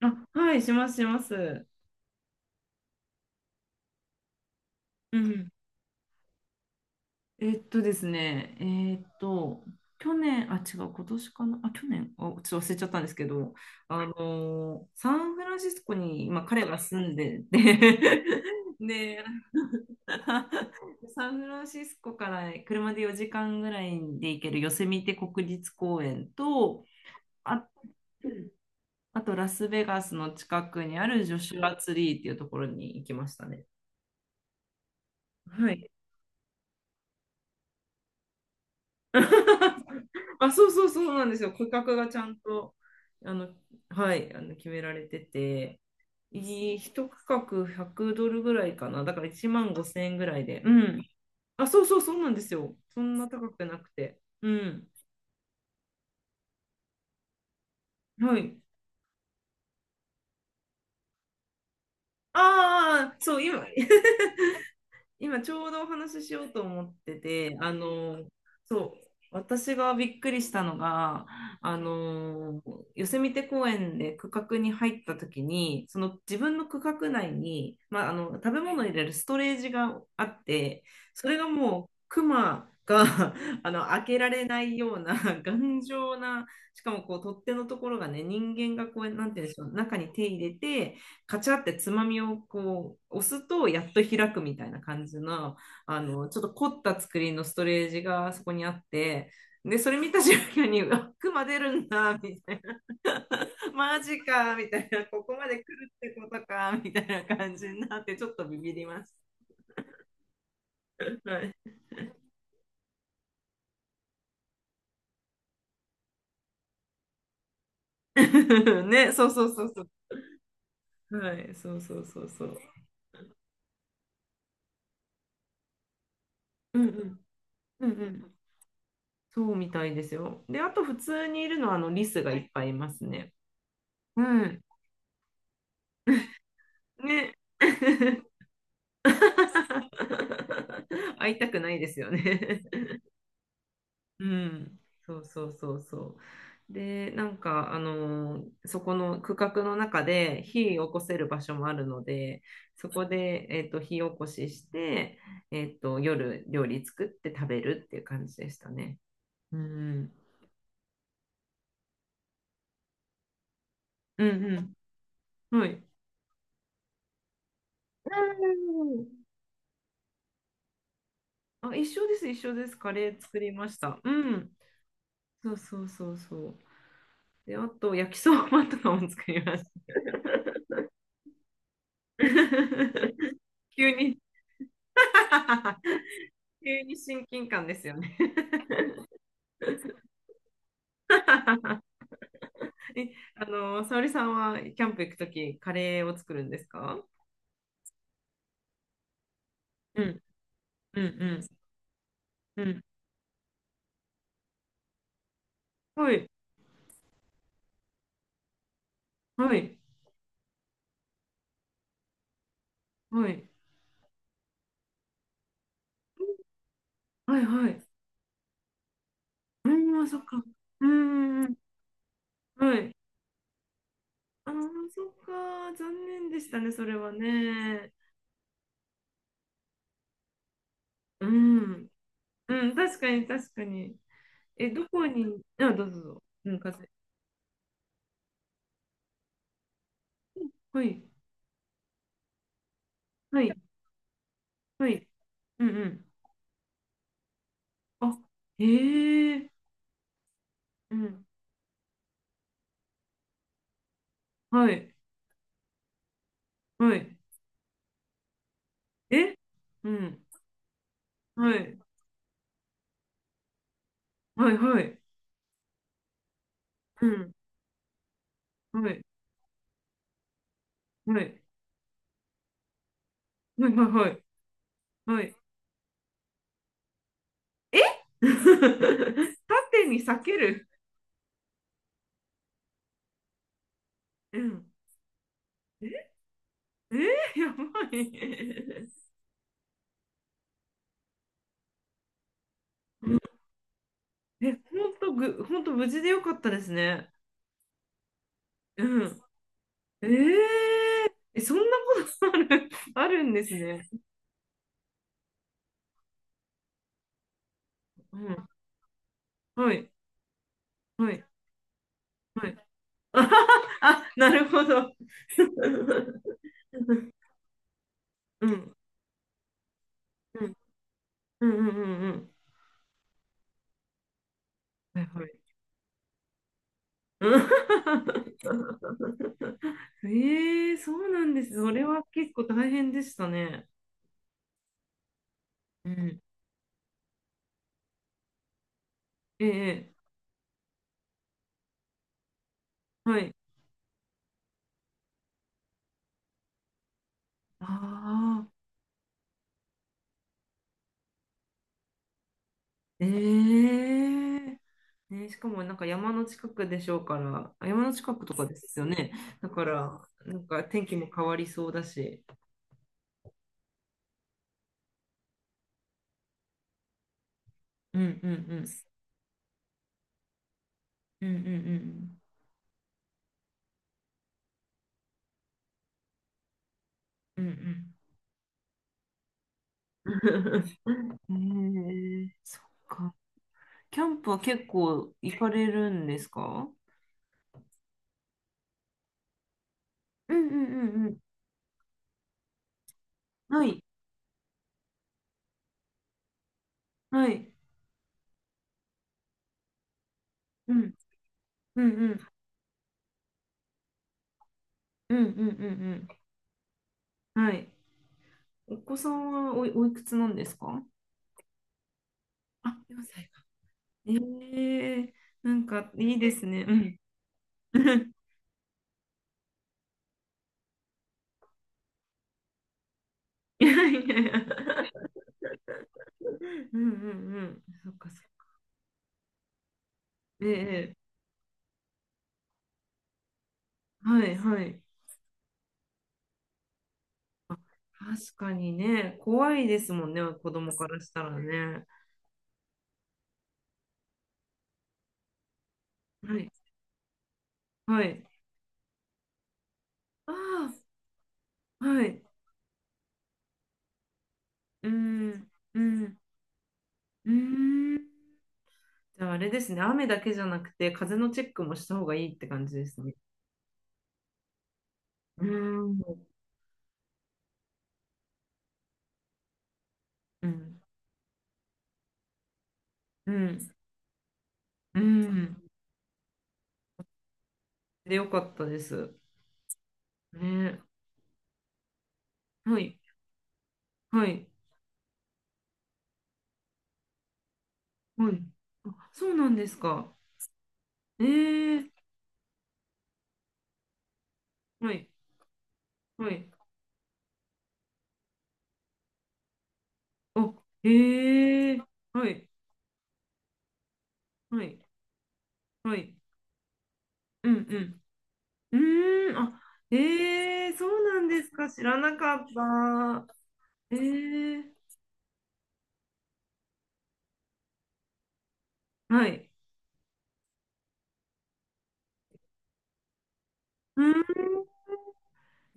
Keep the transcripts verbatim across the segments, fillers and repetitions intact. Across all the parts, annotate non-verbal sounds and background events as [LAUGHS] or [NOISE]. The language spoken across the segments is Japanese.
あ、はい、します、します。うん。えっとですね、えっと、去年、あ、違う、今年かな、あ、去年、あ、ちょっと忘れちゃったんですけど、あの、サンフランシスコに今、彼が住んでて、 [LAUGHS] で、[LAUGHS] サンフランシスコから車でよじかんぐらいで行けるヨセミテ国立公園と、あ、あとラスベガスの近くにあるジョシュアツリーっていうところに行きましたね。はい。[LAUGHS] あ、そうそうそうなんですよ。価格がちゃんと、あの、はい、あの決められてて、いい一区画ひゃくドルぐらいかな。だからいちまんごせん円ぐらいで。うん。あ、そうそうそうなんですよ。そんな高くなくて。うん。はい。ああ、そう、今、[LAUGHS] 今ちょうどお話ししようと思ってて、あの、そう、私がびっくりしたのが、あの、ヨセミテ公園で区画に入った時に、その自分の区画内に、まあ、あの、食べ物を入れるストレージがあって、それがもうクマが [LAUGHS] あの開けられないような [LAUGHS] 頑丈な、しかもこう取っ手のところがね、人間がこう、なんていうんでしょう、中に手入れて、カチャってつまみをこう押すとやっと開くみたいな感じの、あの、ちょっと凝った作りのストレージがそこにあって、で、それ見た瞬間に、うわ、クマ出るんだ、みたいな [LAUGHS]。マジか、みたいな。ここまで来るってことか、みたいな感じになって、ちょっとビビります。はい。[LAUGHS] ね、そうそうそうそう。はい、そうそうそうそう。うんうん。うんうん。そうみたいですよ。で、あと普通にいるのは、あの、リスがいっぱいいますね。うん。ね。[LAUGHS] 会いたくないですよね。[LAUGHS] うん。そうそうそうそう。で、なんか、あのーそこの区画の中で火起こせる場所もあるので、そこで、えっと、火起こしして、えっと、夜料理作って食べるっていう感じでしたね。うん。うんうん。はい。うん、あ、一緒です、一緒です。カレー作りました。うん。そうそうそうそう。で、あと、焼きそばとかも作りました。[LAUGHS] 急に [LAUGHS] 急に親近感ですよね。 [LAUGHS] え、あの、沙織さんはキャンプ行くとき、カレーを作るんですか？うん、うん、うん、うん。はい、はい、はい、はい、はい。うん、そっか。うん、うんうん、はい。あー、そっか。うんうんうん、はい、ああ、そっか、残念でしたね、それはね。うん、うん、確かに、確かに。え、どこに、あ、どうぞ、どうぞ。うん、風。はい、はい。はい。うんうん。あ、へえ。うん。はい。はい。え、うん。はい。はいはい。うん。はい。はい。はいはいはい。はい。え。 [LAUGHS] 縦に裂ける。うん。えー、[LAUGHS] やばい。え、ほんとぐ、ほんと無事でよかったですね。うん。えー、えそんなことある、[LAUGHS] あるんですね。うん。はい。はい。はい。[LAUGHS] あははあ、なるほど。[LAUGHS] うん。うん。うん。うん。うん。はいはい。[LAUGHS] うん、ええ、そうなんです。それは結構大変でしたね。うん。ええ、はい。ああ、ええ、ね、しかもなんか山の近くでしょうから、あ、山の近くとかですよね。だから、なんか天気も変わりそうだし。うんうんうん。うんうんうんうん。[LAUGHS] うんうん。[LAUGHS] えー、そっか。キャンプは結構行かれるんですか？うんうんうんうん。はい、はい、うん、うんうんうんうんうんうん。はい。お子さんはおい、おいくつなんですか？あ、よんさいか。えー、なんかいいですね。うん。[LAUGHS] いやいやいや。うんうんうん。そっかそっか。ええ、はいはい。確かにね、怖いですもんね、子供からしたらね。はいはい。ああ、はい。うん、うん、うん。じゃああれですね、雨だけじゃなくて、風のチェックもした方がいいって感じですね。うん、うん、うん、うん。で、よかったです。ね、はい、はい、はい。そうなんですか。えー、はい、はい。あ、えー、はい、はい、はい。うん、うん。うーん、あ、えー、そうなんですか。知らなかった。えー、はい。うーん、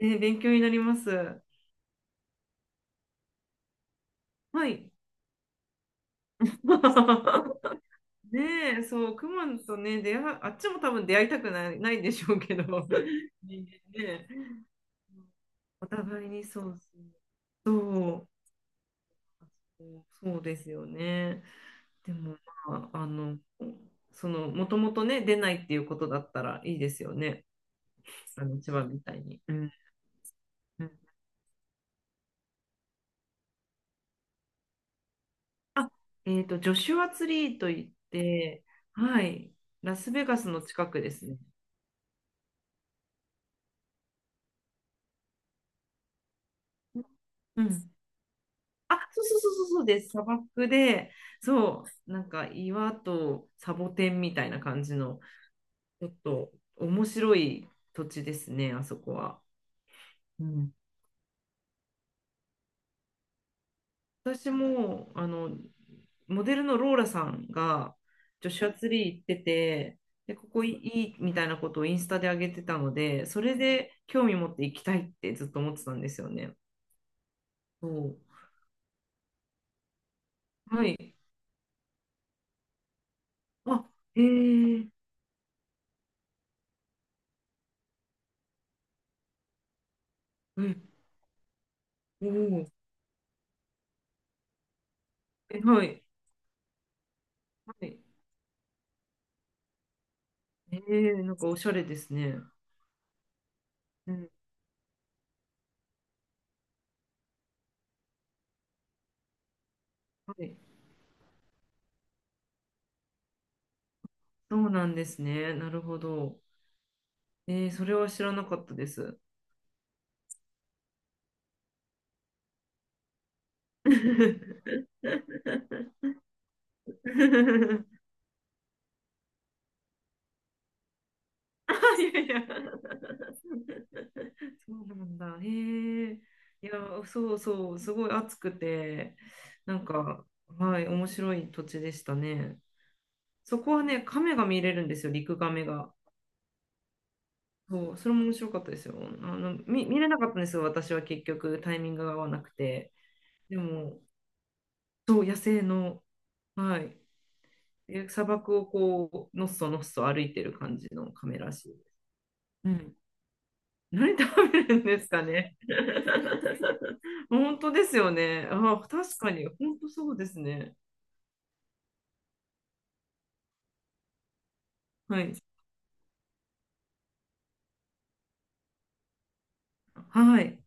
ね、勉強になります。はい。[LAUGHS] ねえ、そう、クマとね、出会う、あっちも多分出会いたくない、ないでしょうけど、[LAUGHS] 人間ね、お互いにそうそう、そう、そうですよね。でも、まあ、あの、その、もともとね、出ないっていうことだったらいいですよね。あの、千葉みたいに。うん。うん、あ、えっと、ジョシュアツリーといって、はい、ラスベガスの近くですね。うん。あ、そうそうそうそうそうです。砂漠で、そう、なんか岩とサボテンみたいな感じの、ちょっと面白い土地ですね、あそこは。うん、私も、あの、モデルのローラさんがジョシュアツリー行ってて、で、ここいいみたいなことをインスタで上げてたので、それで興味持って行きたいってずっと思ってたんですよね。そう。はい。あ、えー、うん、おー、え、はい。はい。えー、なんかおしゃれですね。うん、はい。そうなんですね。なるほど。えー、それは知らなかったです。[LAUGHS] いやいや。[LAUGHS] そうなんだ。へえ。いや、そうそう、すごい暑くて、なんか、はい、面白い土地でしたね。そこはね、亀が見れるんですよ、陸亀が。そう、それも面白かったですよ。あの、見、見れなかったんですよ、私は結局、タイミングが合わなくて。でも、そう、野生の、はい。で砂漠をこう、のっそのっそ歩いてる感じのカメらしい。うん。何食べるんですかね。[LAUGHS] 本当ですよね。あ、確かに、本当そうですね。はい。はい。